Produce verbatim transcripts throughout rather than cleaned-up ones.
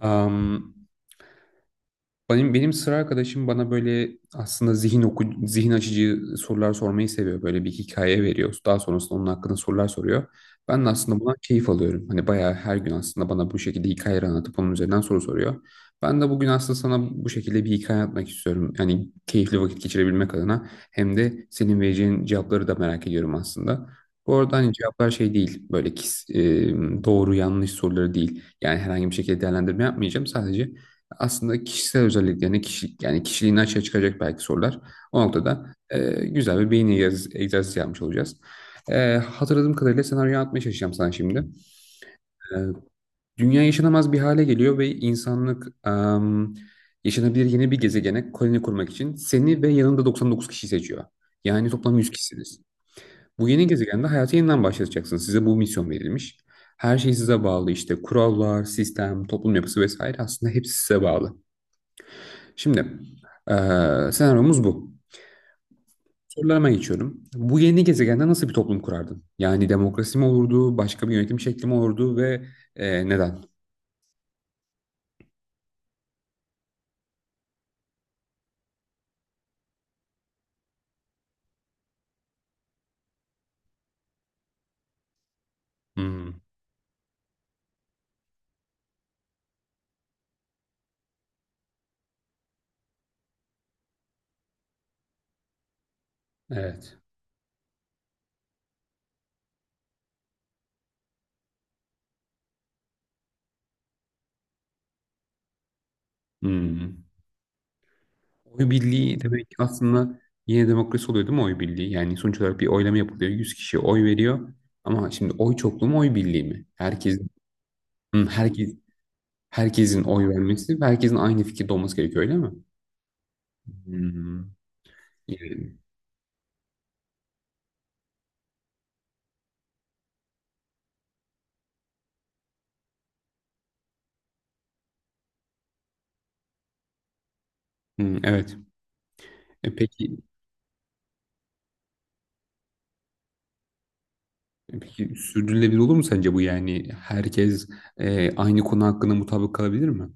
Am, benim benim sıra arkadaşım bana böyle aslında zihin oku zihin açıcı sorular sormayı seviyor. Böyle bir hikaye veriyor. Daha sonrasında onun hakkında sorular soruyor. Ben de aslında buna keyif alıyorum. Hani bayağı her gün aslında bana bu şekilde hikayeler anlatıp onun üzerinden soru soruyor. Ben de bugün aslında sana bu şekilde bir hikaye anlatmak istiyorum. Yani keyifli vakit geçirebilmek adına hem de senin vereceğin cevapları da merak ediyorum aslında. Bu arada hani cevaplar şey değil böyle kis- e, doğru yanlış soruları değil. Yani herhangi bir şekilde değerlendirme yapmayacağım. Sadece aslında kişisel özelliklerini, kişi, yani kişiliğini açığa çıkacak belki sorular. O noktada e, güzel bir beyin egzersizi, egzersizi yapmış olacağız. E, hatırladığım kadarıyla senaryoyu anlatmaya çalışacağım sana şimdi. E, dünya yaşanamaz bir hale geliyor ve insanlık em, yaşanabilir yeni bir gezegene koloni kurmak için seni ve yanında doksan dokuz kişi seçiyor. Yani toplam yüz kişisiniz. Bu yeni gezegende hayatı yeniden başlatacaksınız. Size bu misyon verilmiş. Her şey size bağlı işte kurallar, sistem, toplum yapısı vesaire aslında hepsi size bağlı. Şimdi eee, senaryomuz bu. Sorularıma geçiyorum. Bu yeni gezegende nasıl bir toplum kurardın? Yani demokrasi mi olurdu, başka bir yönetim şekli mi olurdu ve eee, neden? Hmm, evet. Hmm. Oy birliği demek ki aslında yine demokrasi oluyor değil mi oy birliği? Yani sonuç olarak bir oylama yapılıyor. Yüz kişi oy veriyor. Ama şimdi oy çokluğu mu oy birliği mi? Herkes, hmm, herkes, herkesin oy vermesi ve herkesin aynı fikirde olması gerekiyor öyle mi? Hmm, yani, hmm, evet. E, peki. E, Peki sürdürülebilir olur mu sence bu yani? Herkes e, aynı konu hakkında mutabık kalabilir mi?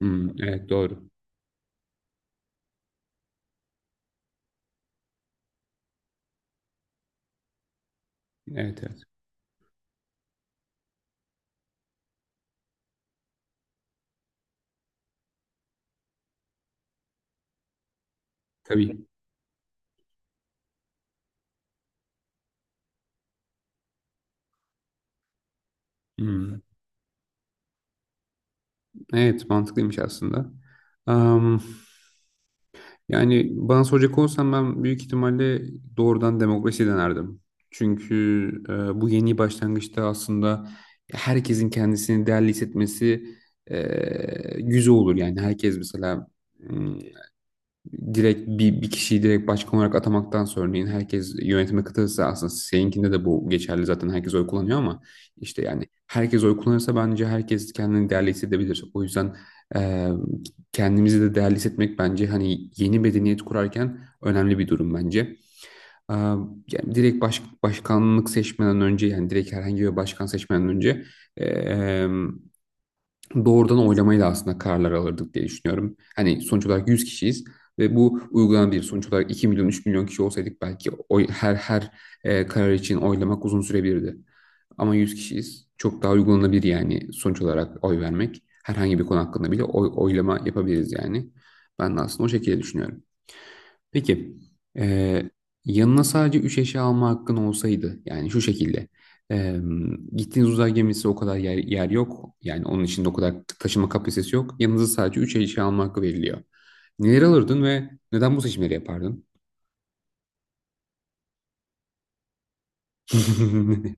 Hmm, evet doğru. Evet evet. Tabii. Hmm, evet mantıklıymış aslında. Am, yani bana soracak olsam ben büyük ihtimalle doğrudan demokrasi denerdim. Çünkü e, bu yeni başlangıçta aslında herkesin kendisini değerli hissetmesi e, güzel olur. Yani herkes mesela hmm, direkt bir, bir kişiyi direkt başkan olarak atamaktansa örneğin herkes yönetime katılırsa aslında seninkinde de bu geçerli zaten herkes oy kullanıyor ama işte yani herkes oy kullanırsa bence herkes kendini değerli hissedebilir. O yüzden e, kendimizi de değerli hissetmek bence hani yeni medeniyet kurarken önemli bir durum bence. E, yani direkt baş, başkanlık seçmeden önce yani direkt herhangi bir başkan seçmeden önce e, doğrudan oylamayla aslında kararlar alırdık diye düşünüyorum. Hani sonuç olarak yüz kişiyiz ve bu uygulanabilir. Sonuç olarak iki milyon üç milyon kişi olsaydık belki oy, her her e, karar için oylamak uzun sürebilirdi. Ama yüz kişiyiz. Çok daha uygulanabilir yani sonuç olarak oy vermek. Herhangi bir konu hakkında bile oy, oylama yapabiliriz yani. Ben de aslında o şekilde düşünüyorum. Peki, eee, yanına sadece üç eşya alma hakkın olsaydı, yani şu şekilde, eee, gittiğiniz uzay gemisi o kadar yer, yer yok, yani onun içinde o kadar taşıma kapasitesi yok, yanınıza sadece üç eşya alma hakkı veriliyor. Neleri alırdın ve neden bu seçimleri yapardın?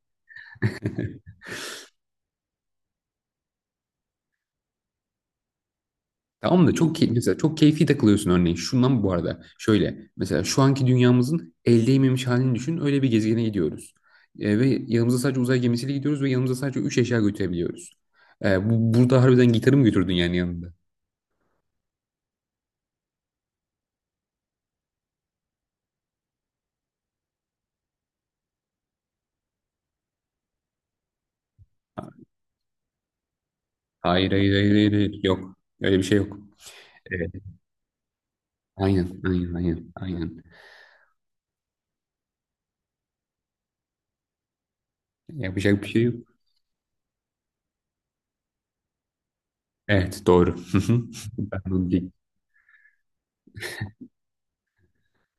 Tamam da çok key- mesela çok keyfi takılıyorsun örneğin. Şundan bu arada şöyle mesela şu anki dünyamızın el değmemiş halini düşün. Öyle bir gezegene gidiyoruz. E, ve yanımıza sadece uzay gemisiyle gidiyoruz ve yanımıza sadece üç eşya götürebiliyoruz. E, bu, burada harbiden gitarı mı götürdün yani yanında? Hayır hayır hayır hayır, hayır. Yok. Öyle bir şey yok. Evet. Aynen aynen aynen aynen. Yapacak bir şey yok. Evet doğru. Ben bunu diyeyim.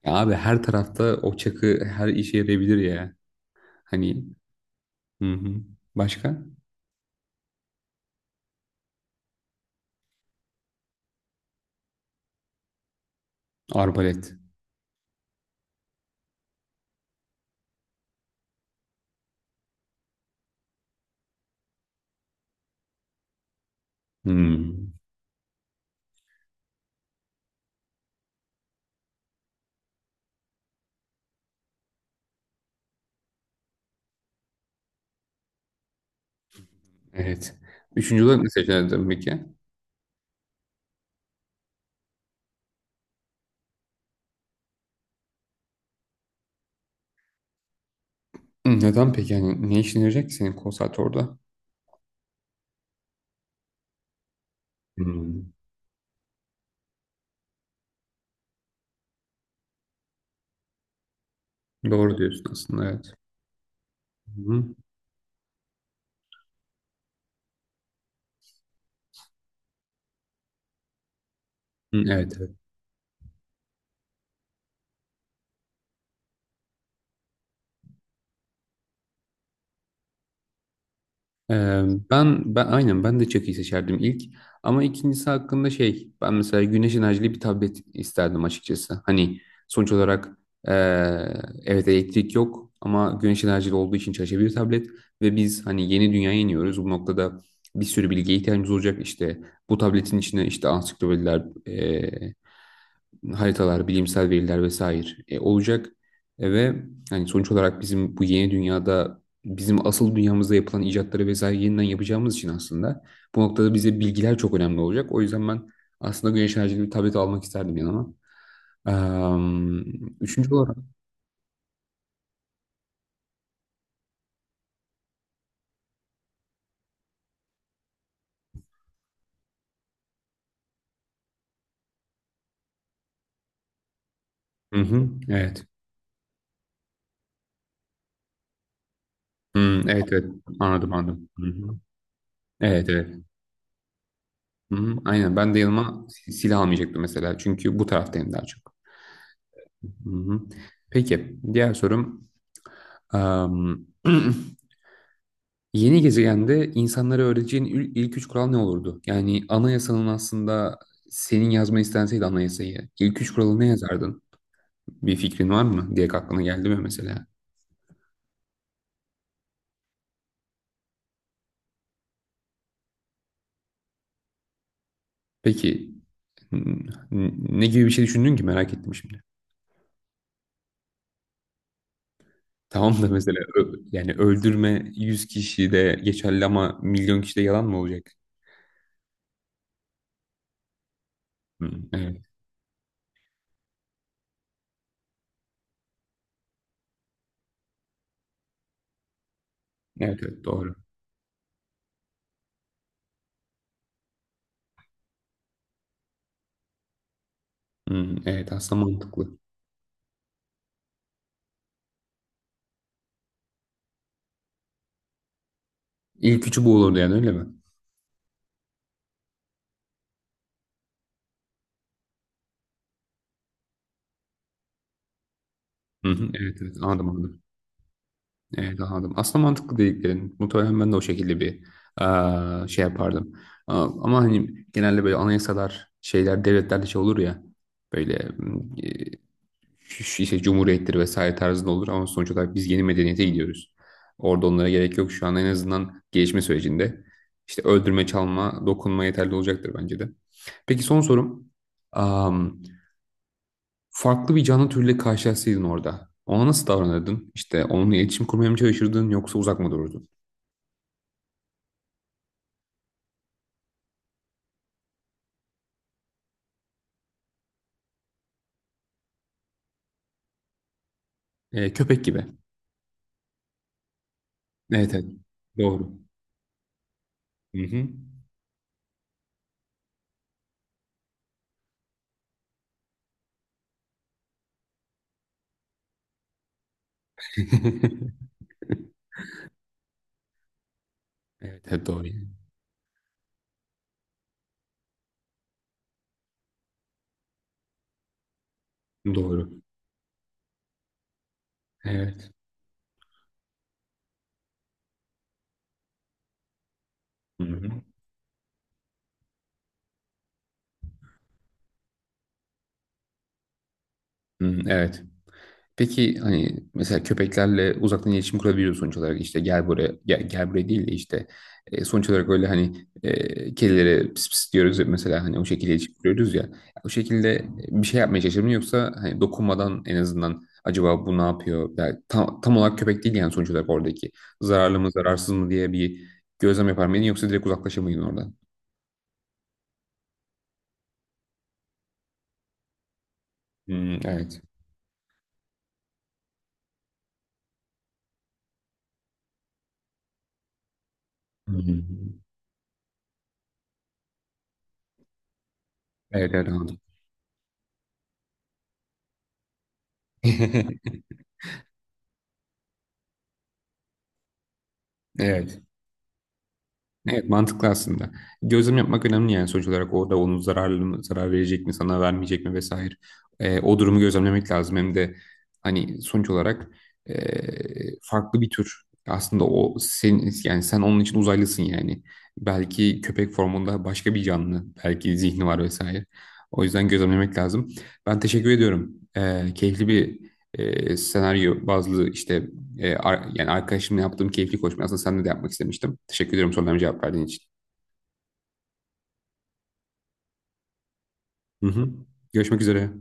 Ya abi her tarafta o çakı her işe yarayabilir ya. Hani hı hı. Başka? Arbalet. Hmm, evet. Üçüncü olarak ne seçerdin peki? Hı, neden peki? Yani ne işine yarayacak ki senin konsert orada? Hmm, doğru diyorsun aslında evet. Hı-hı. Evet evet. Ee, ben ben aynen ben de çakıyı seçerdim ilk ama ikincisi hakkında şey ben mesela güneş enerjili bir tablet isterdim açıkçası. Hani sonuç olarak ee, evet elektrik yok ama güneş enerjili olduğu için çalışabilir bir tablet ve biz hani yeni dünyaya iniyoruz. Bu noktada bir sürü bilgiye ihtiyacımız olacak işte bu tabletin içine işte ansiklopediler haritalar, bilimsel veriler vesaire e, olacak. E, ve hani sonuç olarak bizim bu yeni dünyada bizim asıl dünyamızda yapılan icatları vesaire yeniden yapacağımız için aslında bu noktada bize bilgiler çok önemli olacak. O yüzden ben aslında güneş enerjili bir tablet almak isterdim yanıma. Am, üçüncü olarak. Hı hı, evet. Hı, evet evet anladım anladım. Hı hı. Evet evet. Hı hı, aynen ben de yanıma si- silah almayacaktım mesela çünkü bu taraftayım daha çok. Hı hı. Peki diğer sorum. Am, Yeni gezegende insanlara öğreteceğin il- ilk üç kural ne olurdu? Yani anayasanın aslında senin yazmayı istenseydi anayasayı ilk üç kuralı ne yazardın? Bir fikrin var mı? Diye aklına geldi mi mesela? Peki n- n- ne gibi bir şey düşündün ki merak ettim şimdi. Tamam da mesela ö- yani öldürme yüz kişi de geçerli ama milyon kişi de yalan mı olacak? Hmm, evet. Evet evet doğru. Hmm, evet aslında mantıklı. İlk üçü bu olurdu yani öyle mi? Hı hı, evet evet anladım anladım. Evet anladım. Aslında mantıklı dediklerin. Muhtemelen ben de o şekilde bir eee, şey yapardım. A- Ama hani genelde böyle anayasalar, şeyler, devletlerde şey olur ya. Böyle mm, e, şu- şu işte cumhuriyettir vesaire tarzında olur. Ama sonuç olarak biz yeni medeniyete gidiyoruz. Orada onlara gerek yok. Şu an en azından gelişme sürecinde. İşte öldürme, çalma, dokunma yeterli olacaktır bence de. Peki son sorum farklı bir canlı türüyle karşılaşsaydın orada. Ona nasıl davranırdın? İşte onunla iletişim kurmaya mı çalışırdın yoksa uzak mı dururdun? Ee, köpek gibi. Evet evet. Doğru. Hı hı. Evet, evet doğru. Doğru. Evet. Hı hı. Hı, evet. Peki hani mesela köpeklerle uzaktan iletişim kurabiliyoruz sonuç olarak işte gel buraya gel, gel buraya değil de işte e, sonuç olarak öyle hani e, kedilere pis pis diyoruz ya mesela hani o şekilde iletişim kuruyoruz ya o şekilde bir şey yapmaya çalışır mı yoksa hani dokunmadan en azından acaba bu ne yapıyor yani tam, tam olarak köpek değil yani sonuç olarak oradaki zararlı mı zararsız mı diye bir gözlem yapar mıydın yoksa direkt uzaklaşır mıydın oradan? Hmm, evet. Hmm. Evet evet anladım. Evet. Evet mantıklı aslında. Gözlem yapmak önemli yani sonuç olarak orada onun zararlı mı, zarar verecek mi, sana vermeyecek mi vesaire. Ee, o durumu gözlemlemek lazım. Hem de hani sonuç olarak ee, farklı bir tür. Aslında o sen yani sen onun için uzaylısın yani. Belki köpek formunda başka bir canlı, belki zihni var vesaire. O yüzden gözlemlemek lazım. Ben teşekkür ediyorum. Ee, keyifli bir ee, senaryo bazlı işte e, ar- yani arkadaşımla yaptığım keyifli koşma. Aslında seninle de yapmak istemiştim. Teşekkür ediyorum sorularıma cevap verdiğin için. Hı hı. Görüşmek üzere.